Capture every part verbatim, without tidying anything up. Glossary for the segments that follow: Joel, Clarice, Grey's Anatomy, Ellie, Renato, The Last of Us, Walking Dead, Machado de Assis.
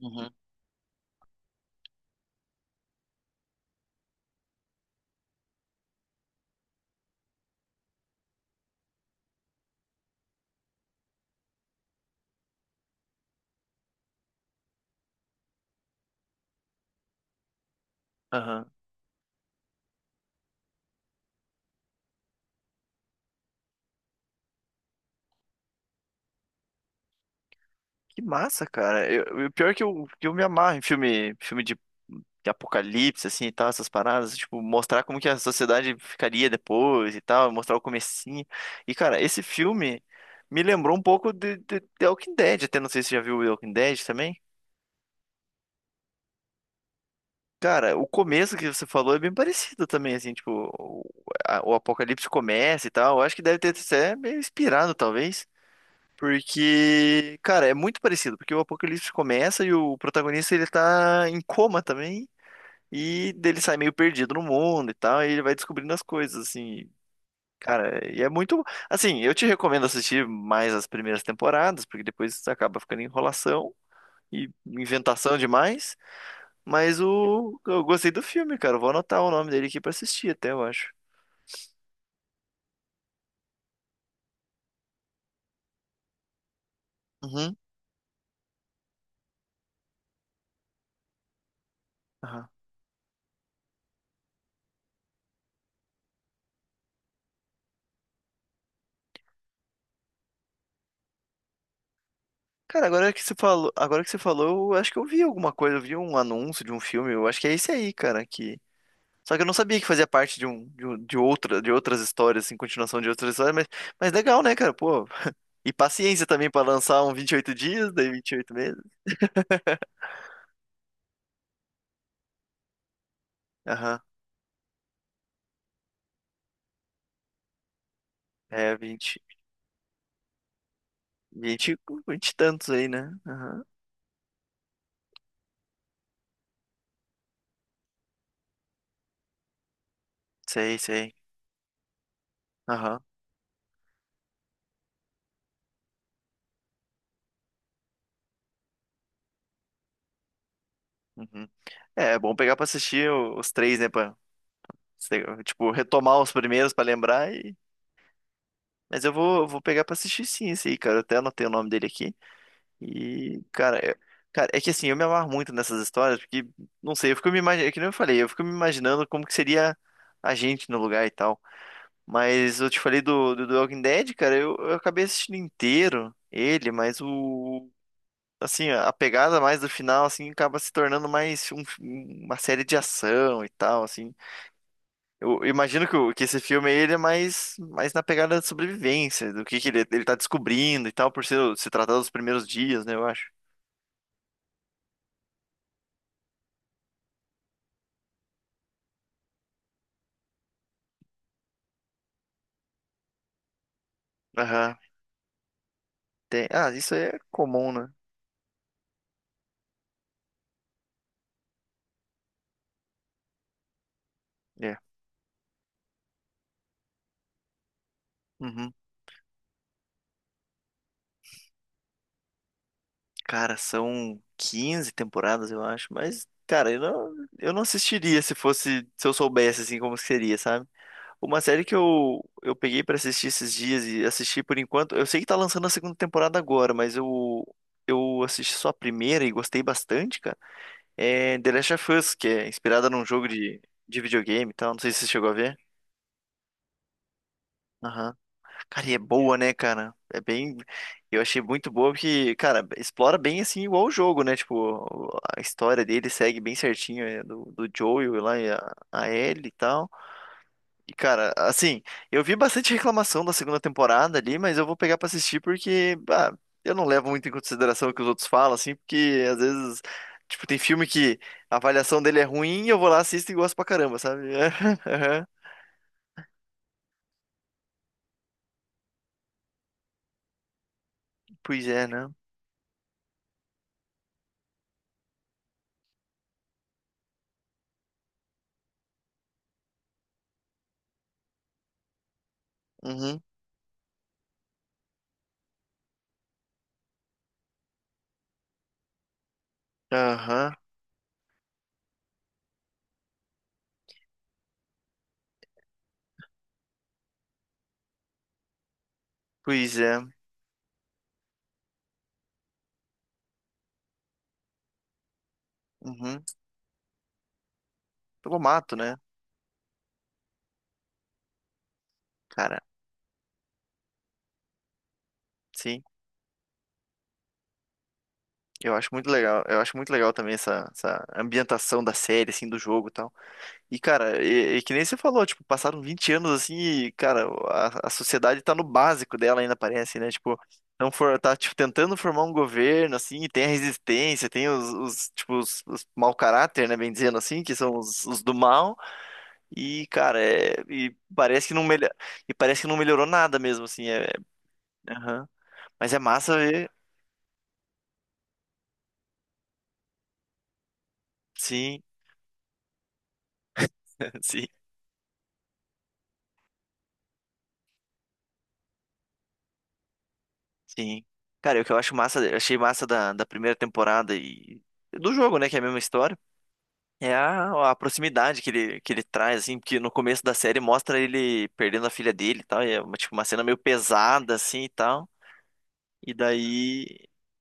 Uhum. Aham. Que massa, cara. Eu, o pior é que eu, que eu me amarro em filme, filme de, de apocalipse, assim, e tal, essas paradas. Tipo, mostrar como que a sociedade ficaria depois e tal, mostrar o comecinho. E, cara, esse filme me lembrou um pouco de, de, de Walking Dead, até não sei se você já viu o Walking Dead também. Cara, o começo que você falou é bem parecido também, assim, tipo, o, a- o apocalipse começa e tal. Eu acho que deve ter sido até meio inspirado, talvez. Porque, cara, é muito parecido, porque o Apocalipse começa e o protagonista ele tá em coma também, e dele sai meio perdido no mundo e tal, e ele vai descobrindo as coisas, assim, cara, e é muito, assim, eu te recomendo assistir mais as primeiras temporadas, porque depois acaba ficando enrolação e inventação demais, mas o eu gostei do filme, cara, eu vou anotar o nome dele aqui pra assistir até, eu acho. Uhum. Aham. Cara, agora que você falou, agora que você falou, eu acho que eu vi alguma coisa, eu vi um anúncio de um filme, eu acho que é esse aí, cara, que só que eu não sabia que fazia parte de um de, um- de outra de outras histórias, assim, continuação de outras histórias, mas mas legal, né, cara? Pô. E paciência também pra lançar um vinte e oito dias, daí vinte e oito meses. Aham. É vinte 20, vinte e tantos aí, né? Aham. Sei, sei. Aham. Uhum. É, é bom pegar pra assistir o- os três, né, pra sei- tipo retomar os primeiros pra lembrar. Mas eu vou, vou pegar pra assistir sim esse aí, cara. Eu até anotei o nome dele aqui. E, cara, é, cara, é que assim, eu me amarro muito nessas histórias, porque, não sei, eu fico me imaginando, é que nem eu falei, eu fico me imaginando como que seria a gente no lugar e tal. Mas eu te falei do, do, do Walking Dead, cara, eu, eu acabei assistindo inteiro ele, mas o. Assim, a pegada mais do final, assim, acaba se tornando mais um- uma série de ação e tal, assim. Eu imagino que, o- que esse filme aí, ele é mais, mais na pegada de sobrevivência, do que, que ele, ele tá descobrindo e tal, por ser, se tratar dos primeiros dias, né, eu acho. Aham. Tem- ah, isso aí é comum, né? É. Uhum. Cara, são quinze temporadas, eu acho, mas, cara, eu não, eu não assistiria se fosse, se eu soubesse, assim, como seria, sabe? Uma série que eu, eu peguei pra assistir esses dias e assisti por enquanto, eu sei que tá lançando a segunda temporada agora, mas eu, eu assisti só a primeira e gostei bastante, cara. É The Last of Us, que é inspirada num jogo de, de videogame e tal. Não sei se você chegou a ver. Aham. Cara, e é boa, né, cara? É bem. Eu achei muito boa porque, cara, explora bem assim igual o jogo, né? Tipo, o- a história dele segue bem certinho, é, do, do Joel lá e a, a Ellie e tal. E, cara, assim, eu vi bastante reclamação da segunda temporada ali, mas eu vou pegar pra assistir porque, bah, eu não levo muito em consideração o que os outros falam, assim, porque às vezes, tipo, tem filme que a avaliação dele é ruim e eu vou lá, assisto e gosto pra caramba, sabe? Aham. Pois é, né? Uhum. Aham. Pois é. Uhum. Eu mato, né? Cara, sim. Eu acho muito legal. Eu acho muito legal também essa, essa ambientação da série, assim, do jogo e tal. E, cara, e, e que nem você falou, tipo, passaram vinte anos assim e, cara, a, a sociedade tá no básico dela ainda, parece, né? Tipo, não for, tá, tipo, tentando formar um governo, assim, e tem a resistência, tem os, os tipo, os, os mau caráter, né, bem dizendo assim, que são os, os do mal, e, cara, é, e parece que não melho, e parece que não melhorou nada mesmo, assim, é, é- aham. Mas é massa ver, sim, sim, sim. Cara, e o que eu acho massa, eu achei massa da, da primeira temporada e do jogo, né, que é a mesma história, é a, a proximidade que ele, que ele traz, assim, porque no começo da série mostra ele perdendo a filha dele e tal, e é uma, tipo, uma cena meio pesada, assim, e tal. E daí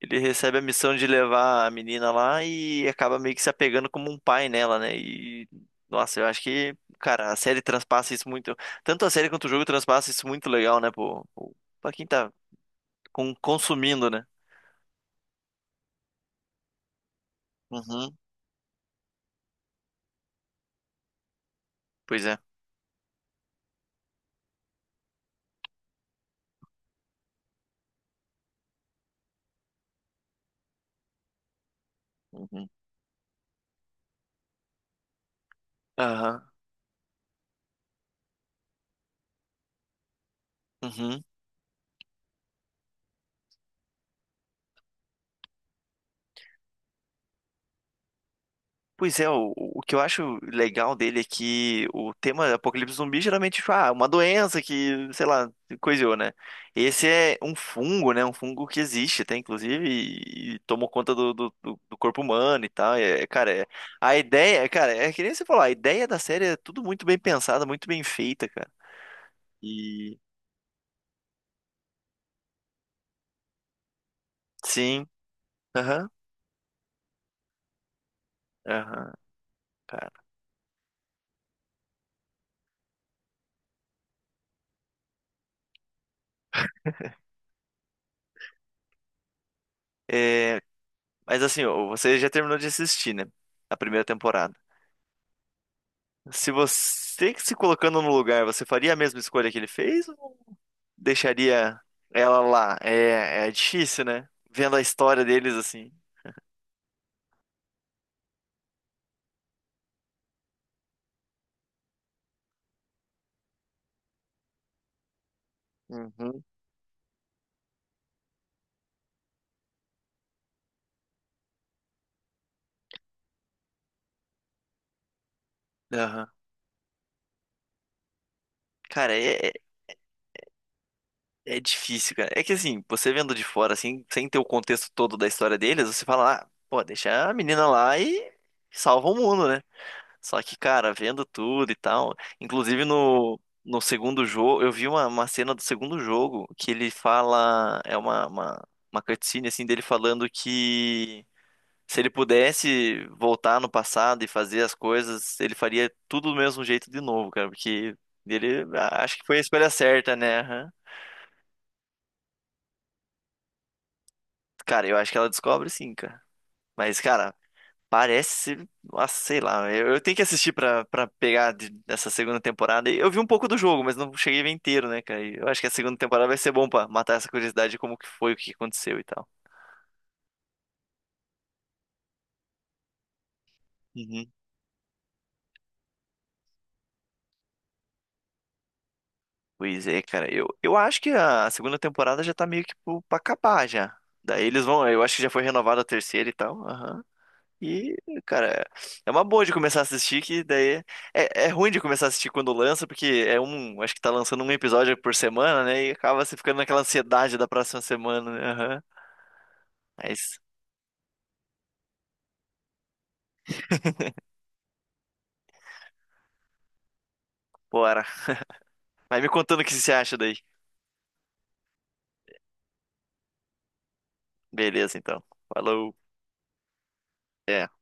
ele recebe a missão de levar a menina lá e acaba meio que se apegando como um pai nela, né? E, nossa, eu acho que, cara, a série transpassa isso muito. Tanto a série quanto o jogo transpassa isso muito legal, né, pô, pô, pra quem tá com- consumindo, né? Uhum, pois é. Uhum. Aham. Uhum. Pois é, o, o que eu acho legal dele é que o tema Apocalipse Zumbi geralmente, tipo, ah, uma doença que, sei lá, coisou, né? Esse é um fungo, né? Um fungo que existe até, inclusive, e, e tomou conta do, do, do- do corpo humano e tal. É, cara, é, a ideia, cara, é que nem você falou, a ideia da série é tudo muito bem pensada, muito bem feita, cara. E sim, aham, aham, cara. É, mas assim, ó, você já terminou de assistir, né? A primeira temporada. Se você que se colocando no lugar, você faria a mesma escolha que ele fez ou deixaria ela lá? É, é difícil, né? Vendo a história deles assim. Uhum. Aham. Cara, é, é é difícil, cara. É que assim, você vendo de fora, assim, sem ter o contexto todo da história deles, você fala, ah, pô, deixa a menina lá e salva o mundo, né? Só que, cara, vendo tudo e tal. Inclusive no, no segundo jogo, eu vi uma, uma cena do segundo jogo que ele fala. É uma, uma, uma cutscene assim dele falando que se ele pudesse voltar no passado e fazer as coisas, ele faria tudo do mesmo jeito de novo, cara. Porque ele acho que foi a escolha certa, né? Aham. Cara, eu acho que ela descobre sim, cara. Mas, cara, parece, ah, sei lá, eu, eu tenho que assistir pra, pra pegar de- dessa segunda temporada. E eu vi um pouco do jogo, mas não cheguei a ver inteiro, né, cara? E eu acho que a segunda temporada vai ser bom pra matar essa curiosidade de como que foi, o que aconteceu e tal. Uhum. Pois é, cara, eu, eu acho que a segunda temporada já tá meio que pro- pra acabar já. Daí eles vão, eu acho que já foi renovada a terceira e tal. E, cara, é uma boa de começar a assistir, que daí é, é ruim de começar a assistir quando lança, porque é um, acho que tá lançando um episódio por semana, né? E acaba você ficando naquela ansiedade da próxima semana, né? Aham. Mas, bora. Vai me contando o que você acha daí. Beleza, então. Falou. É.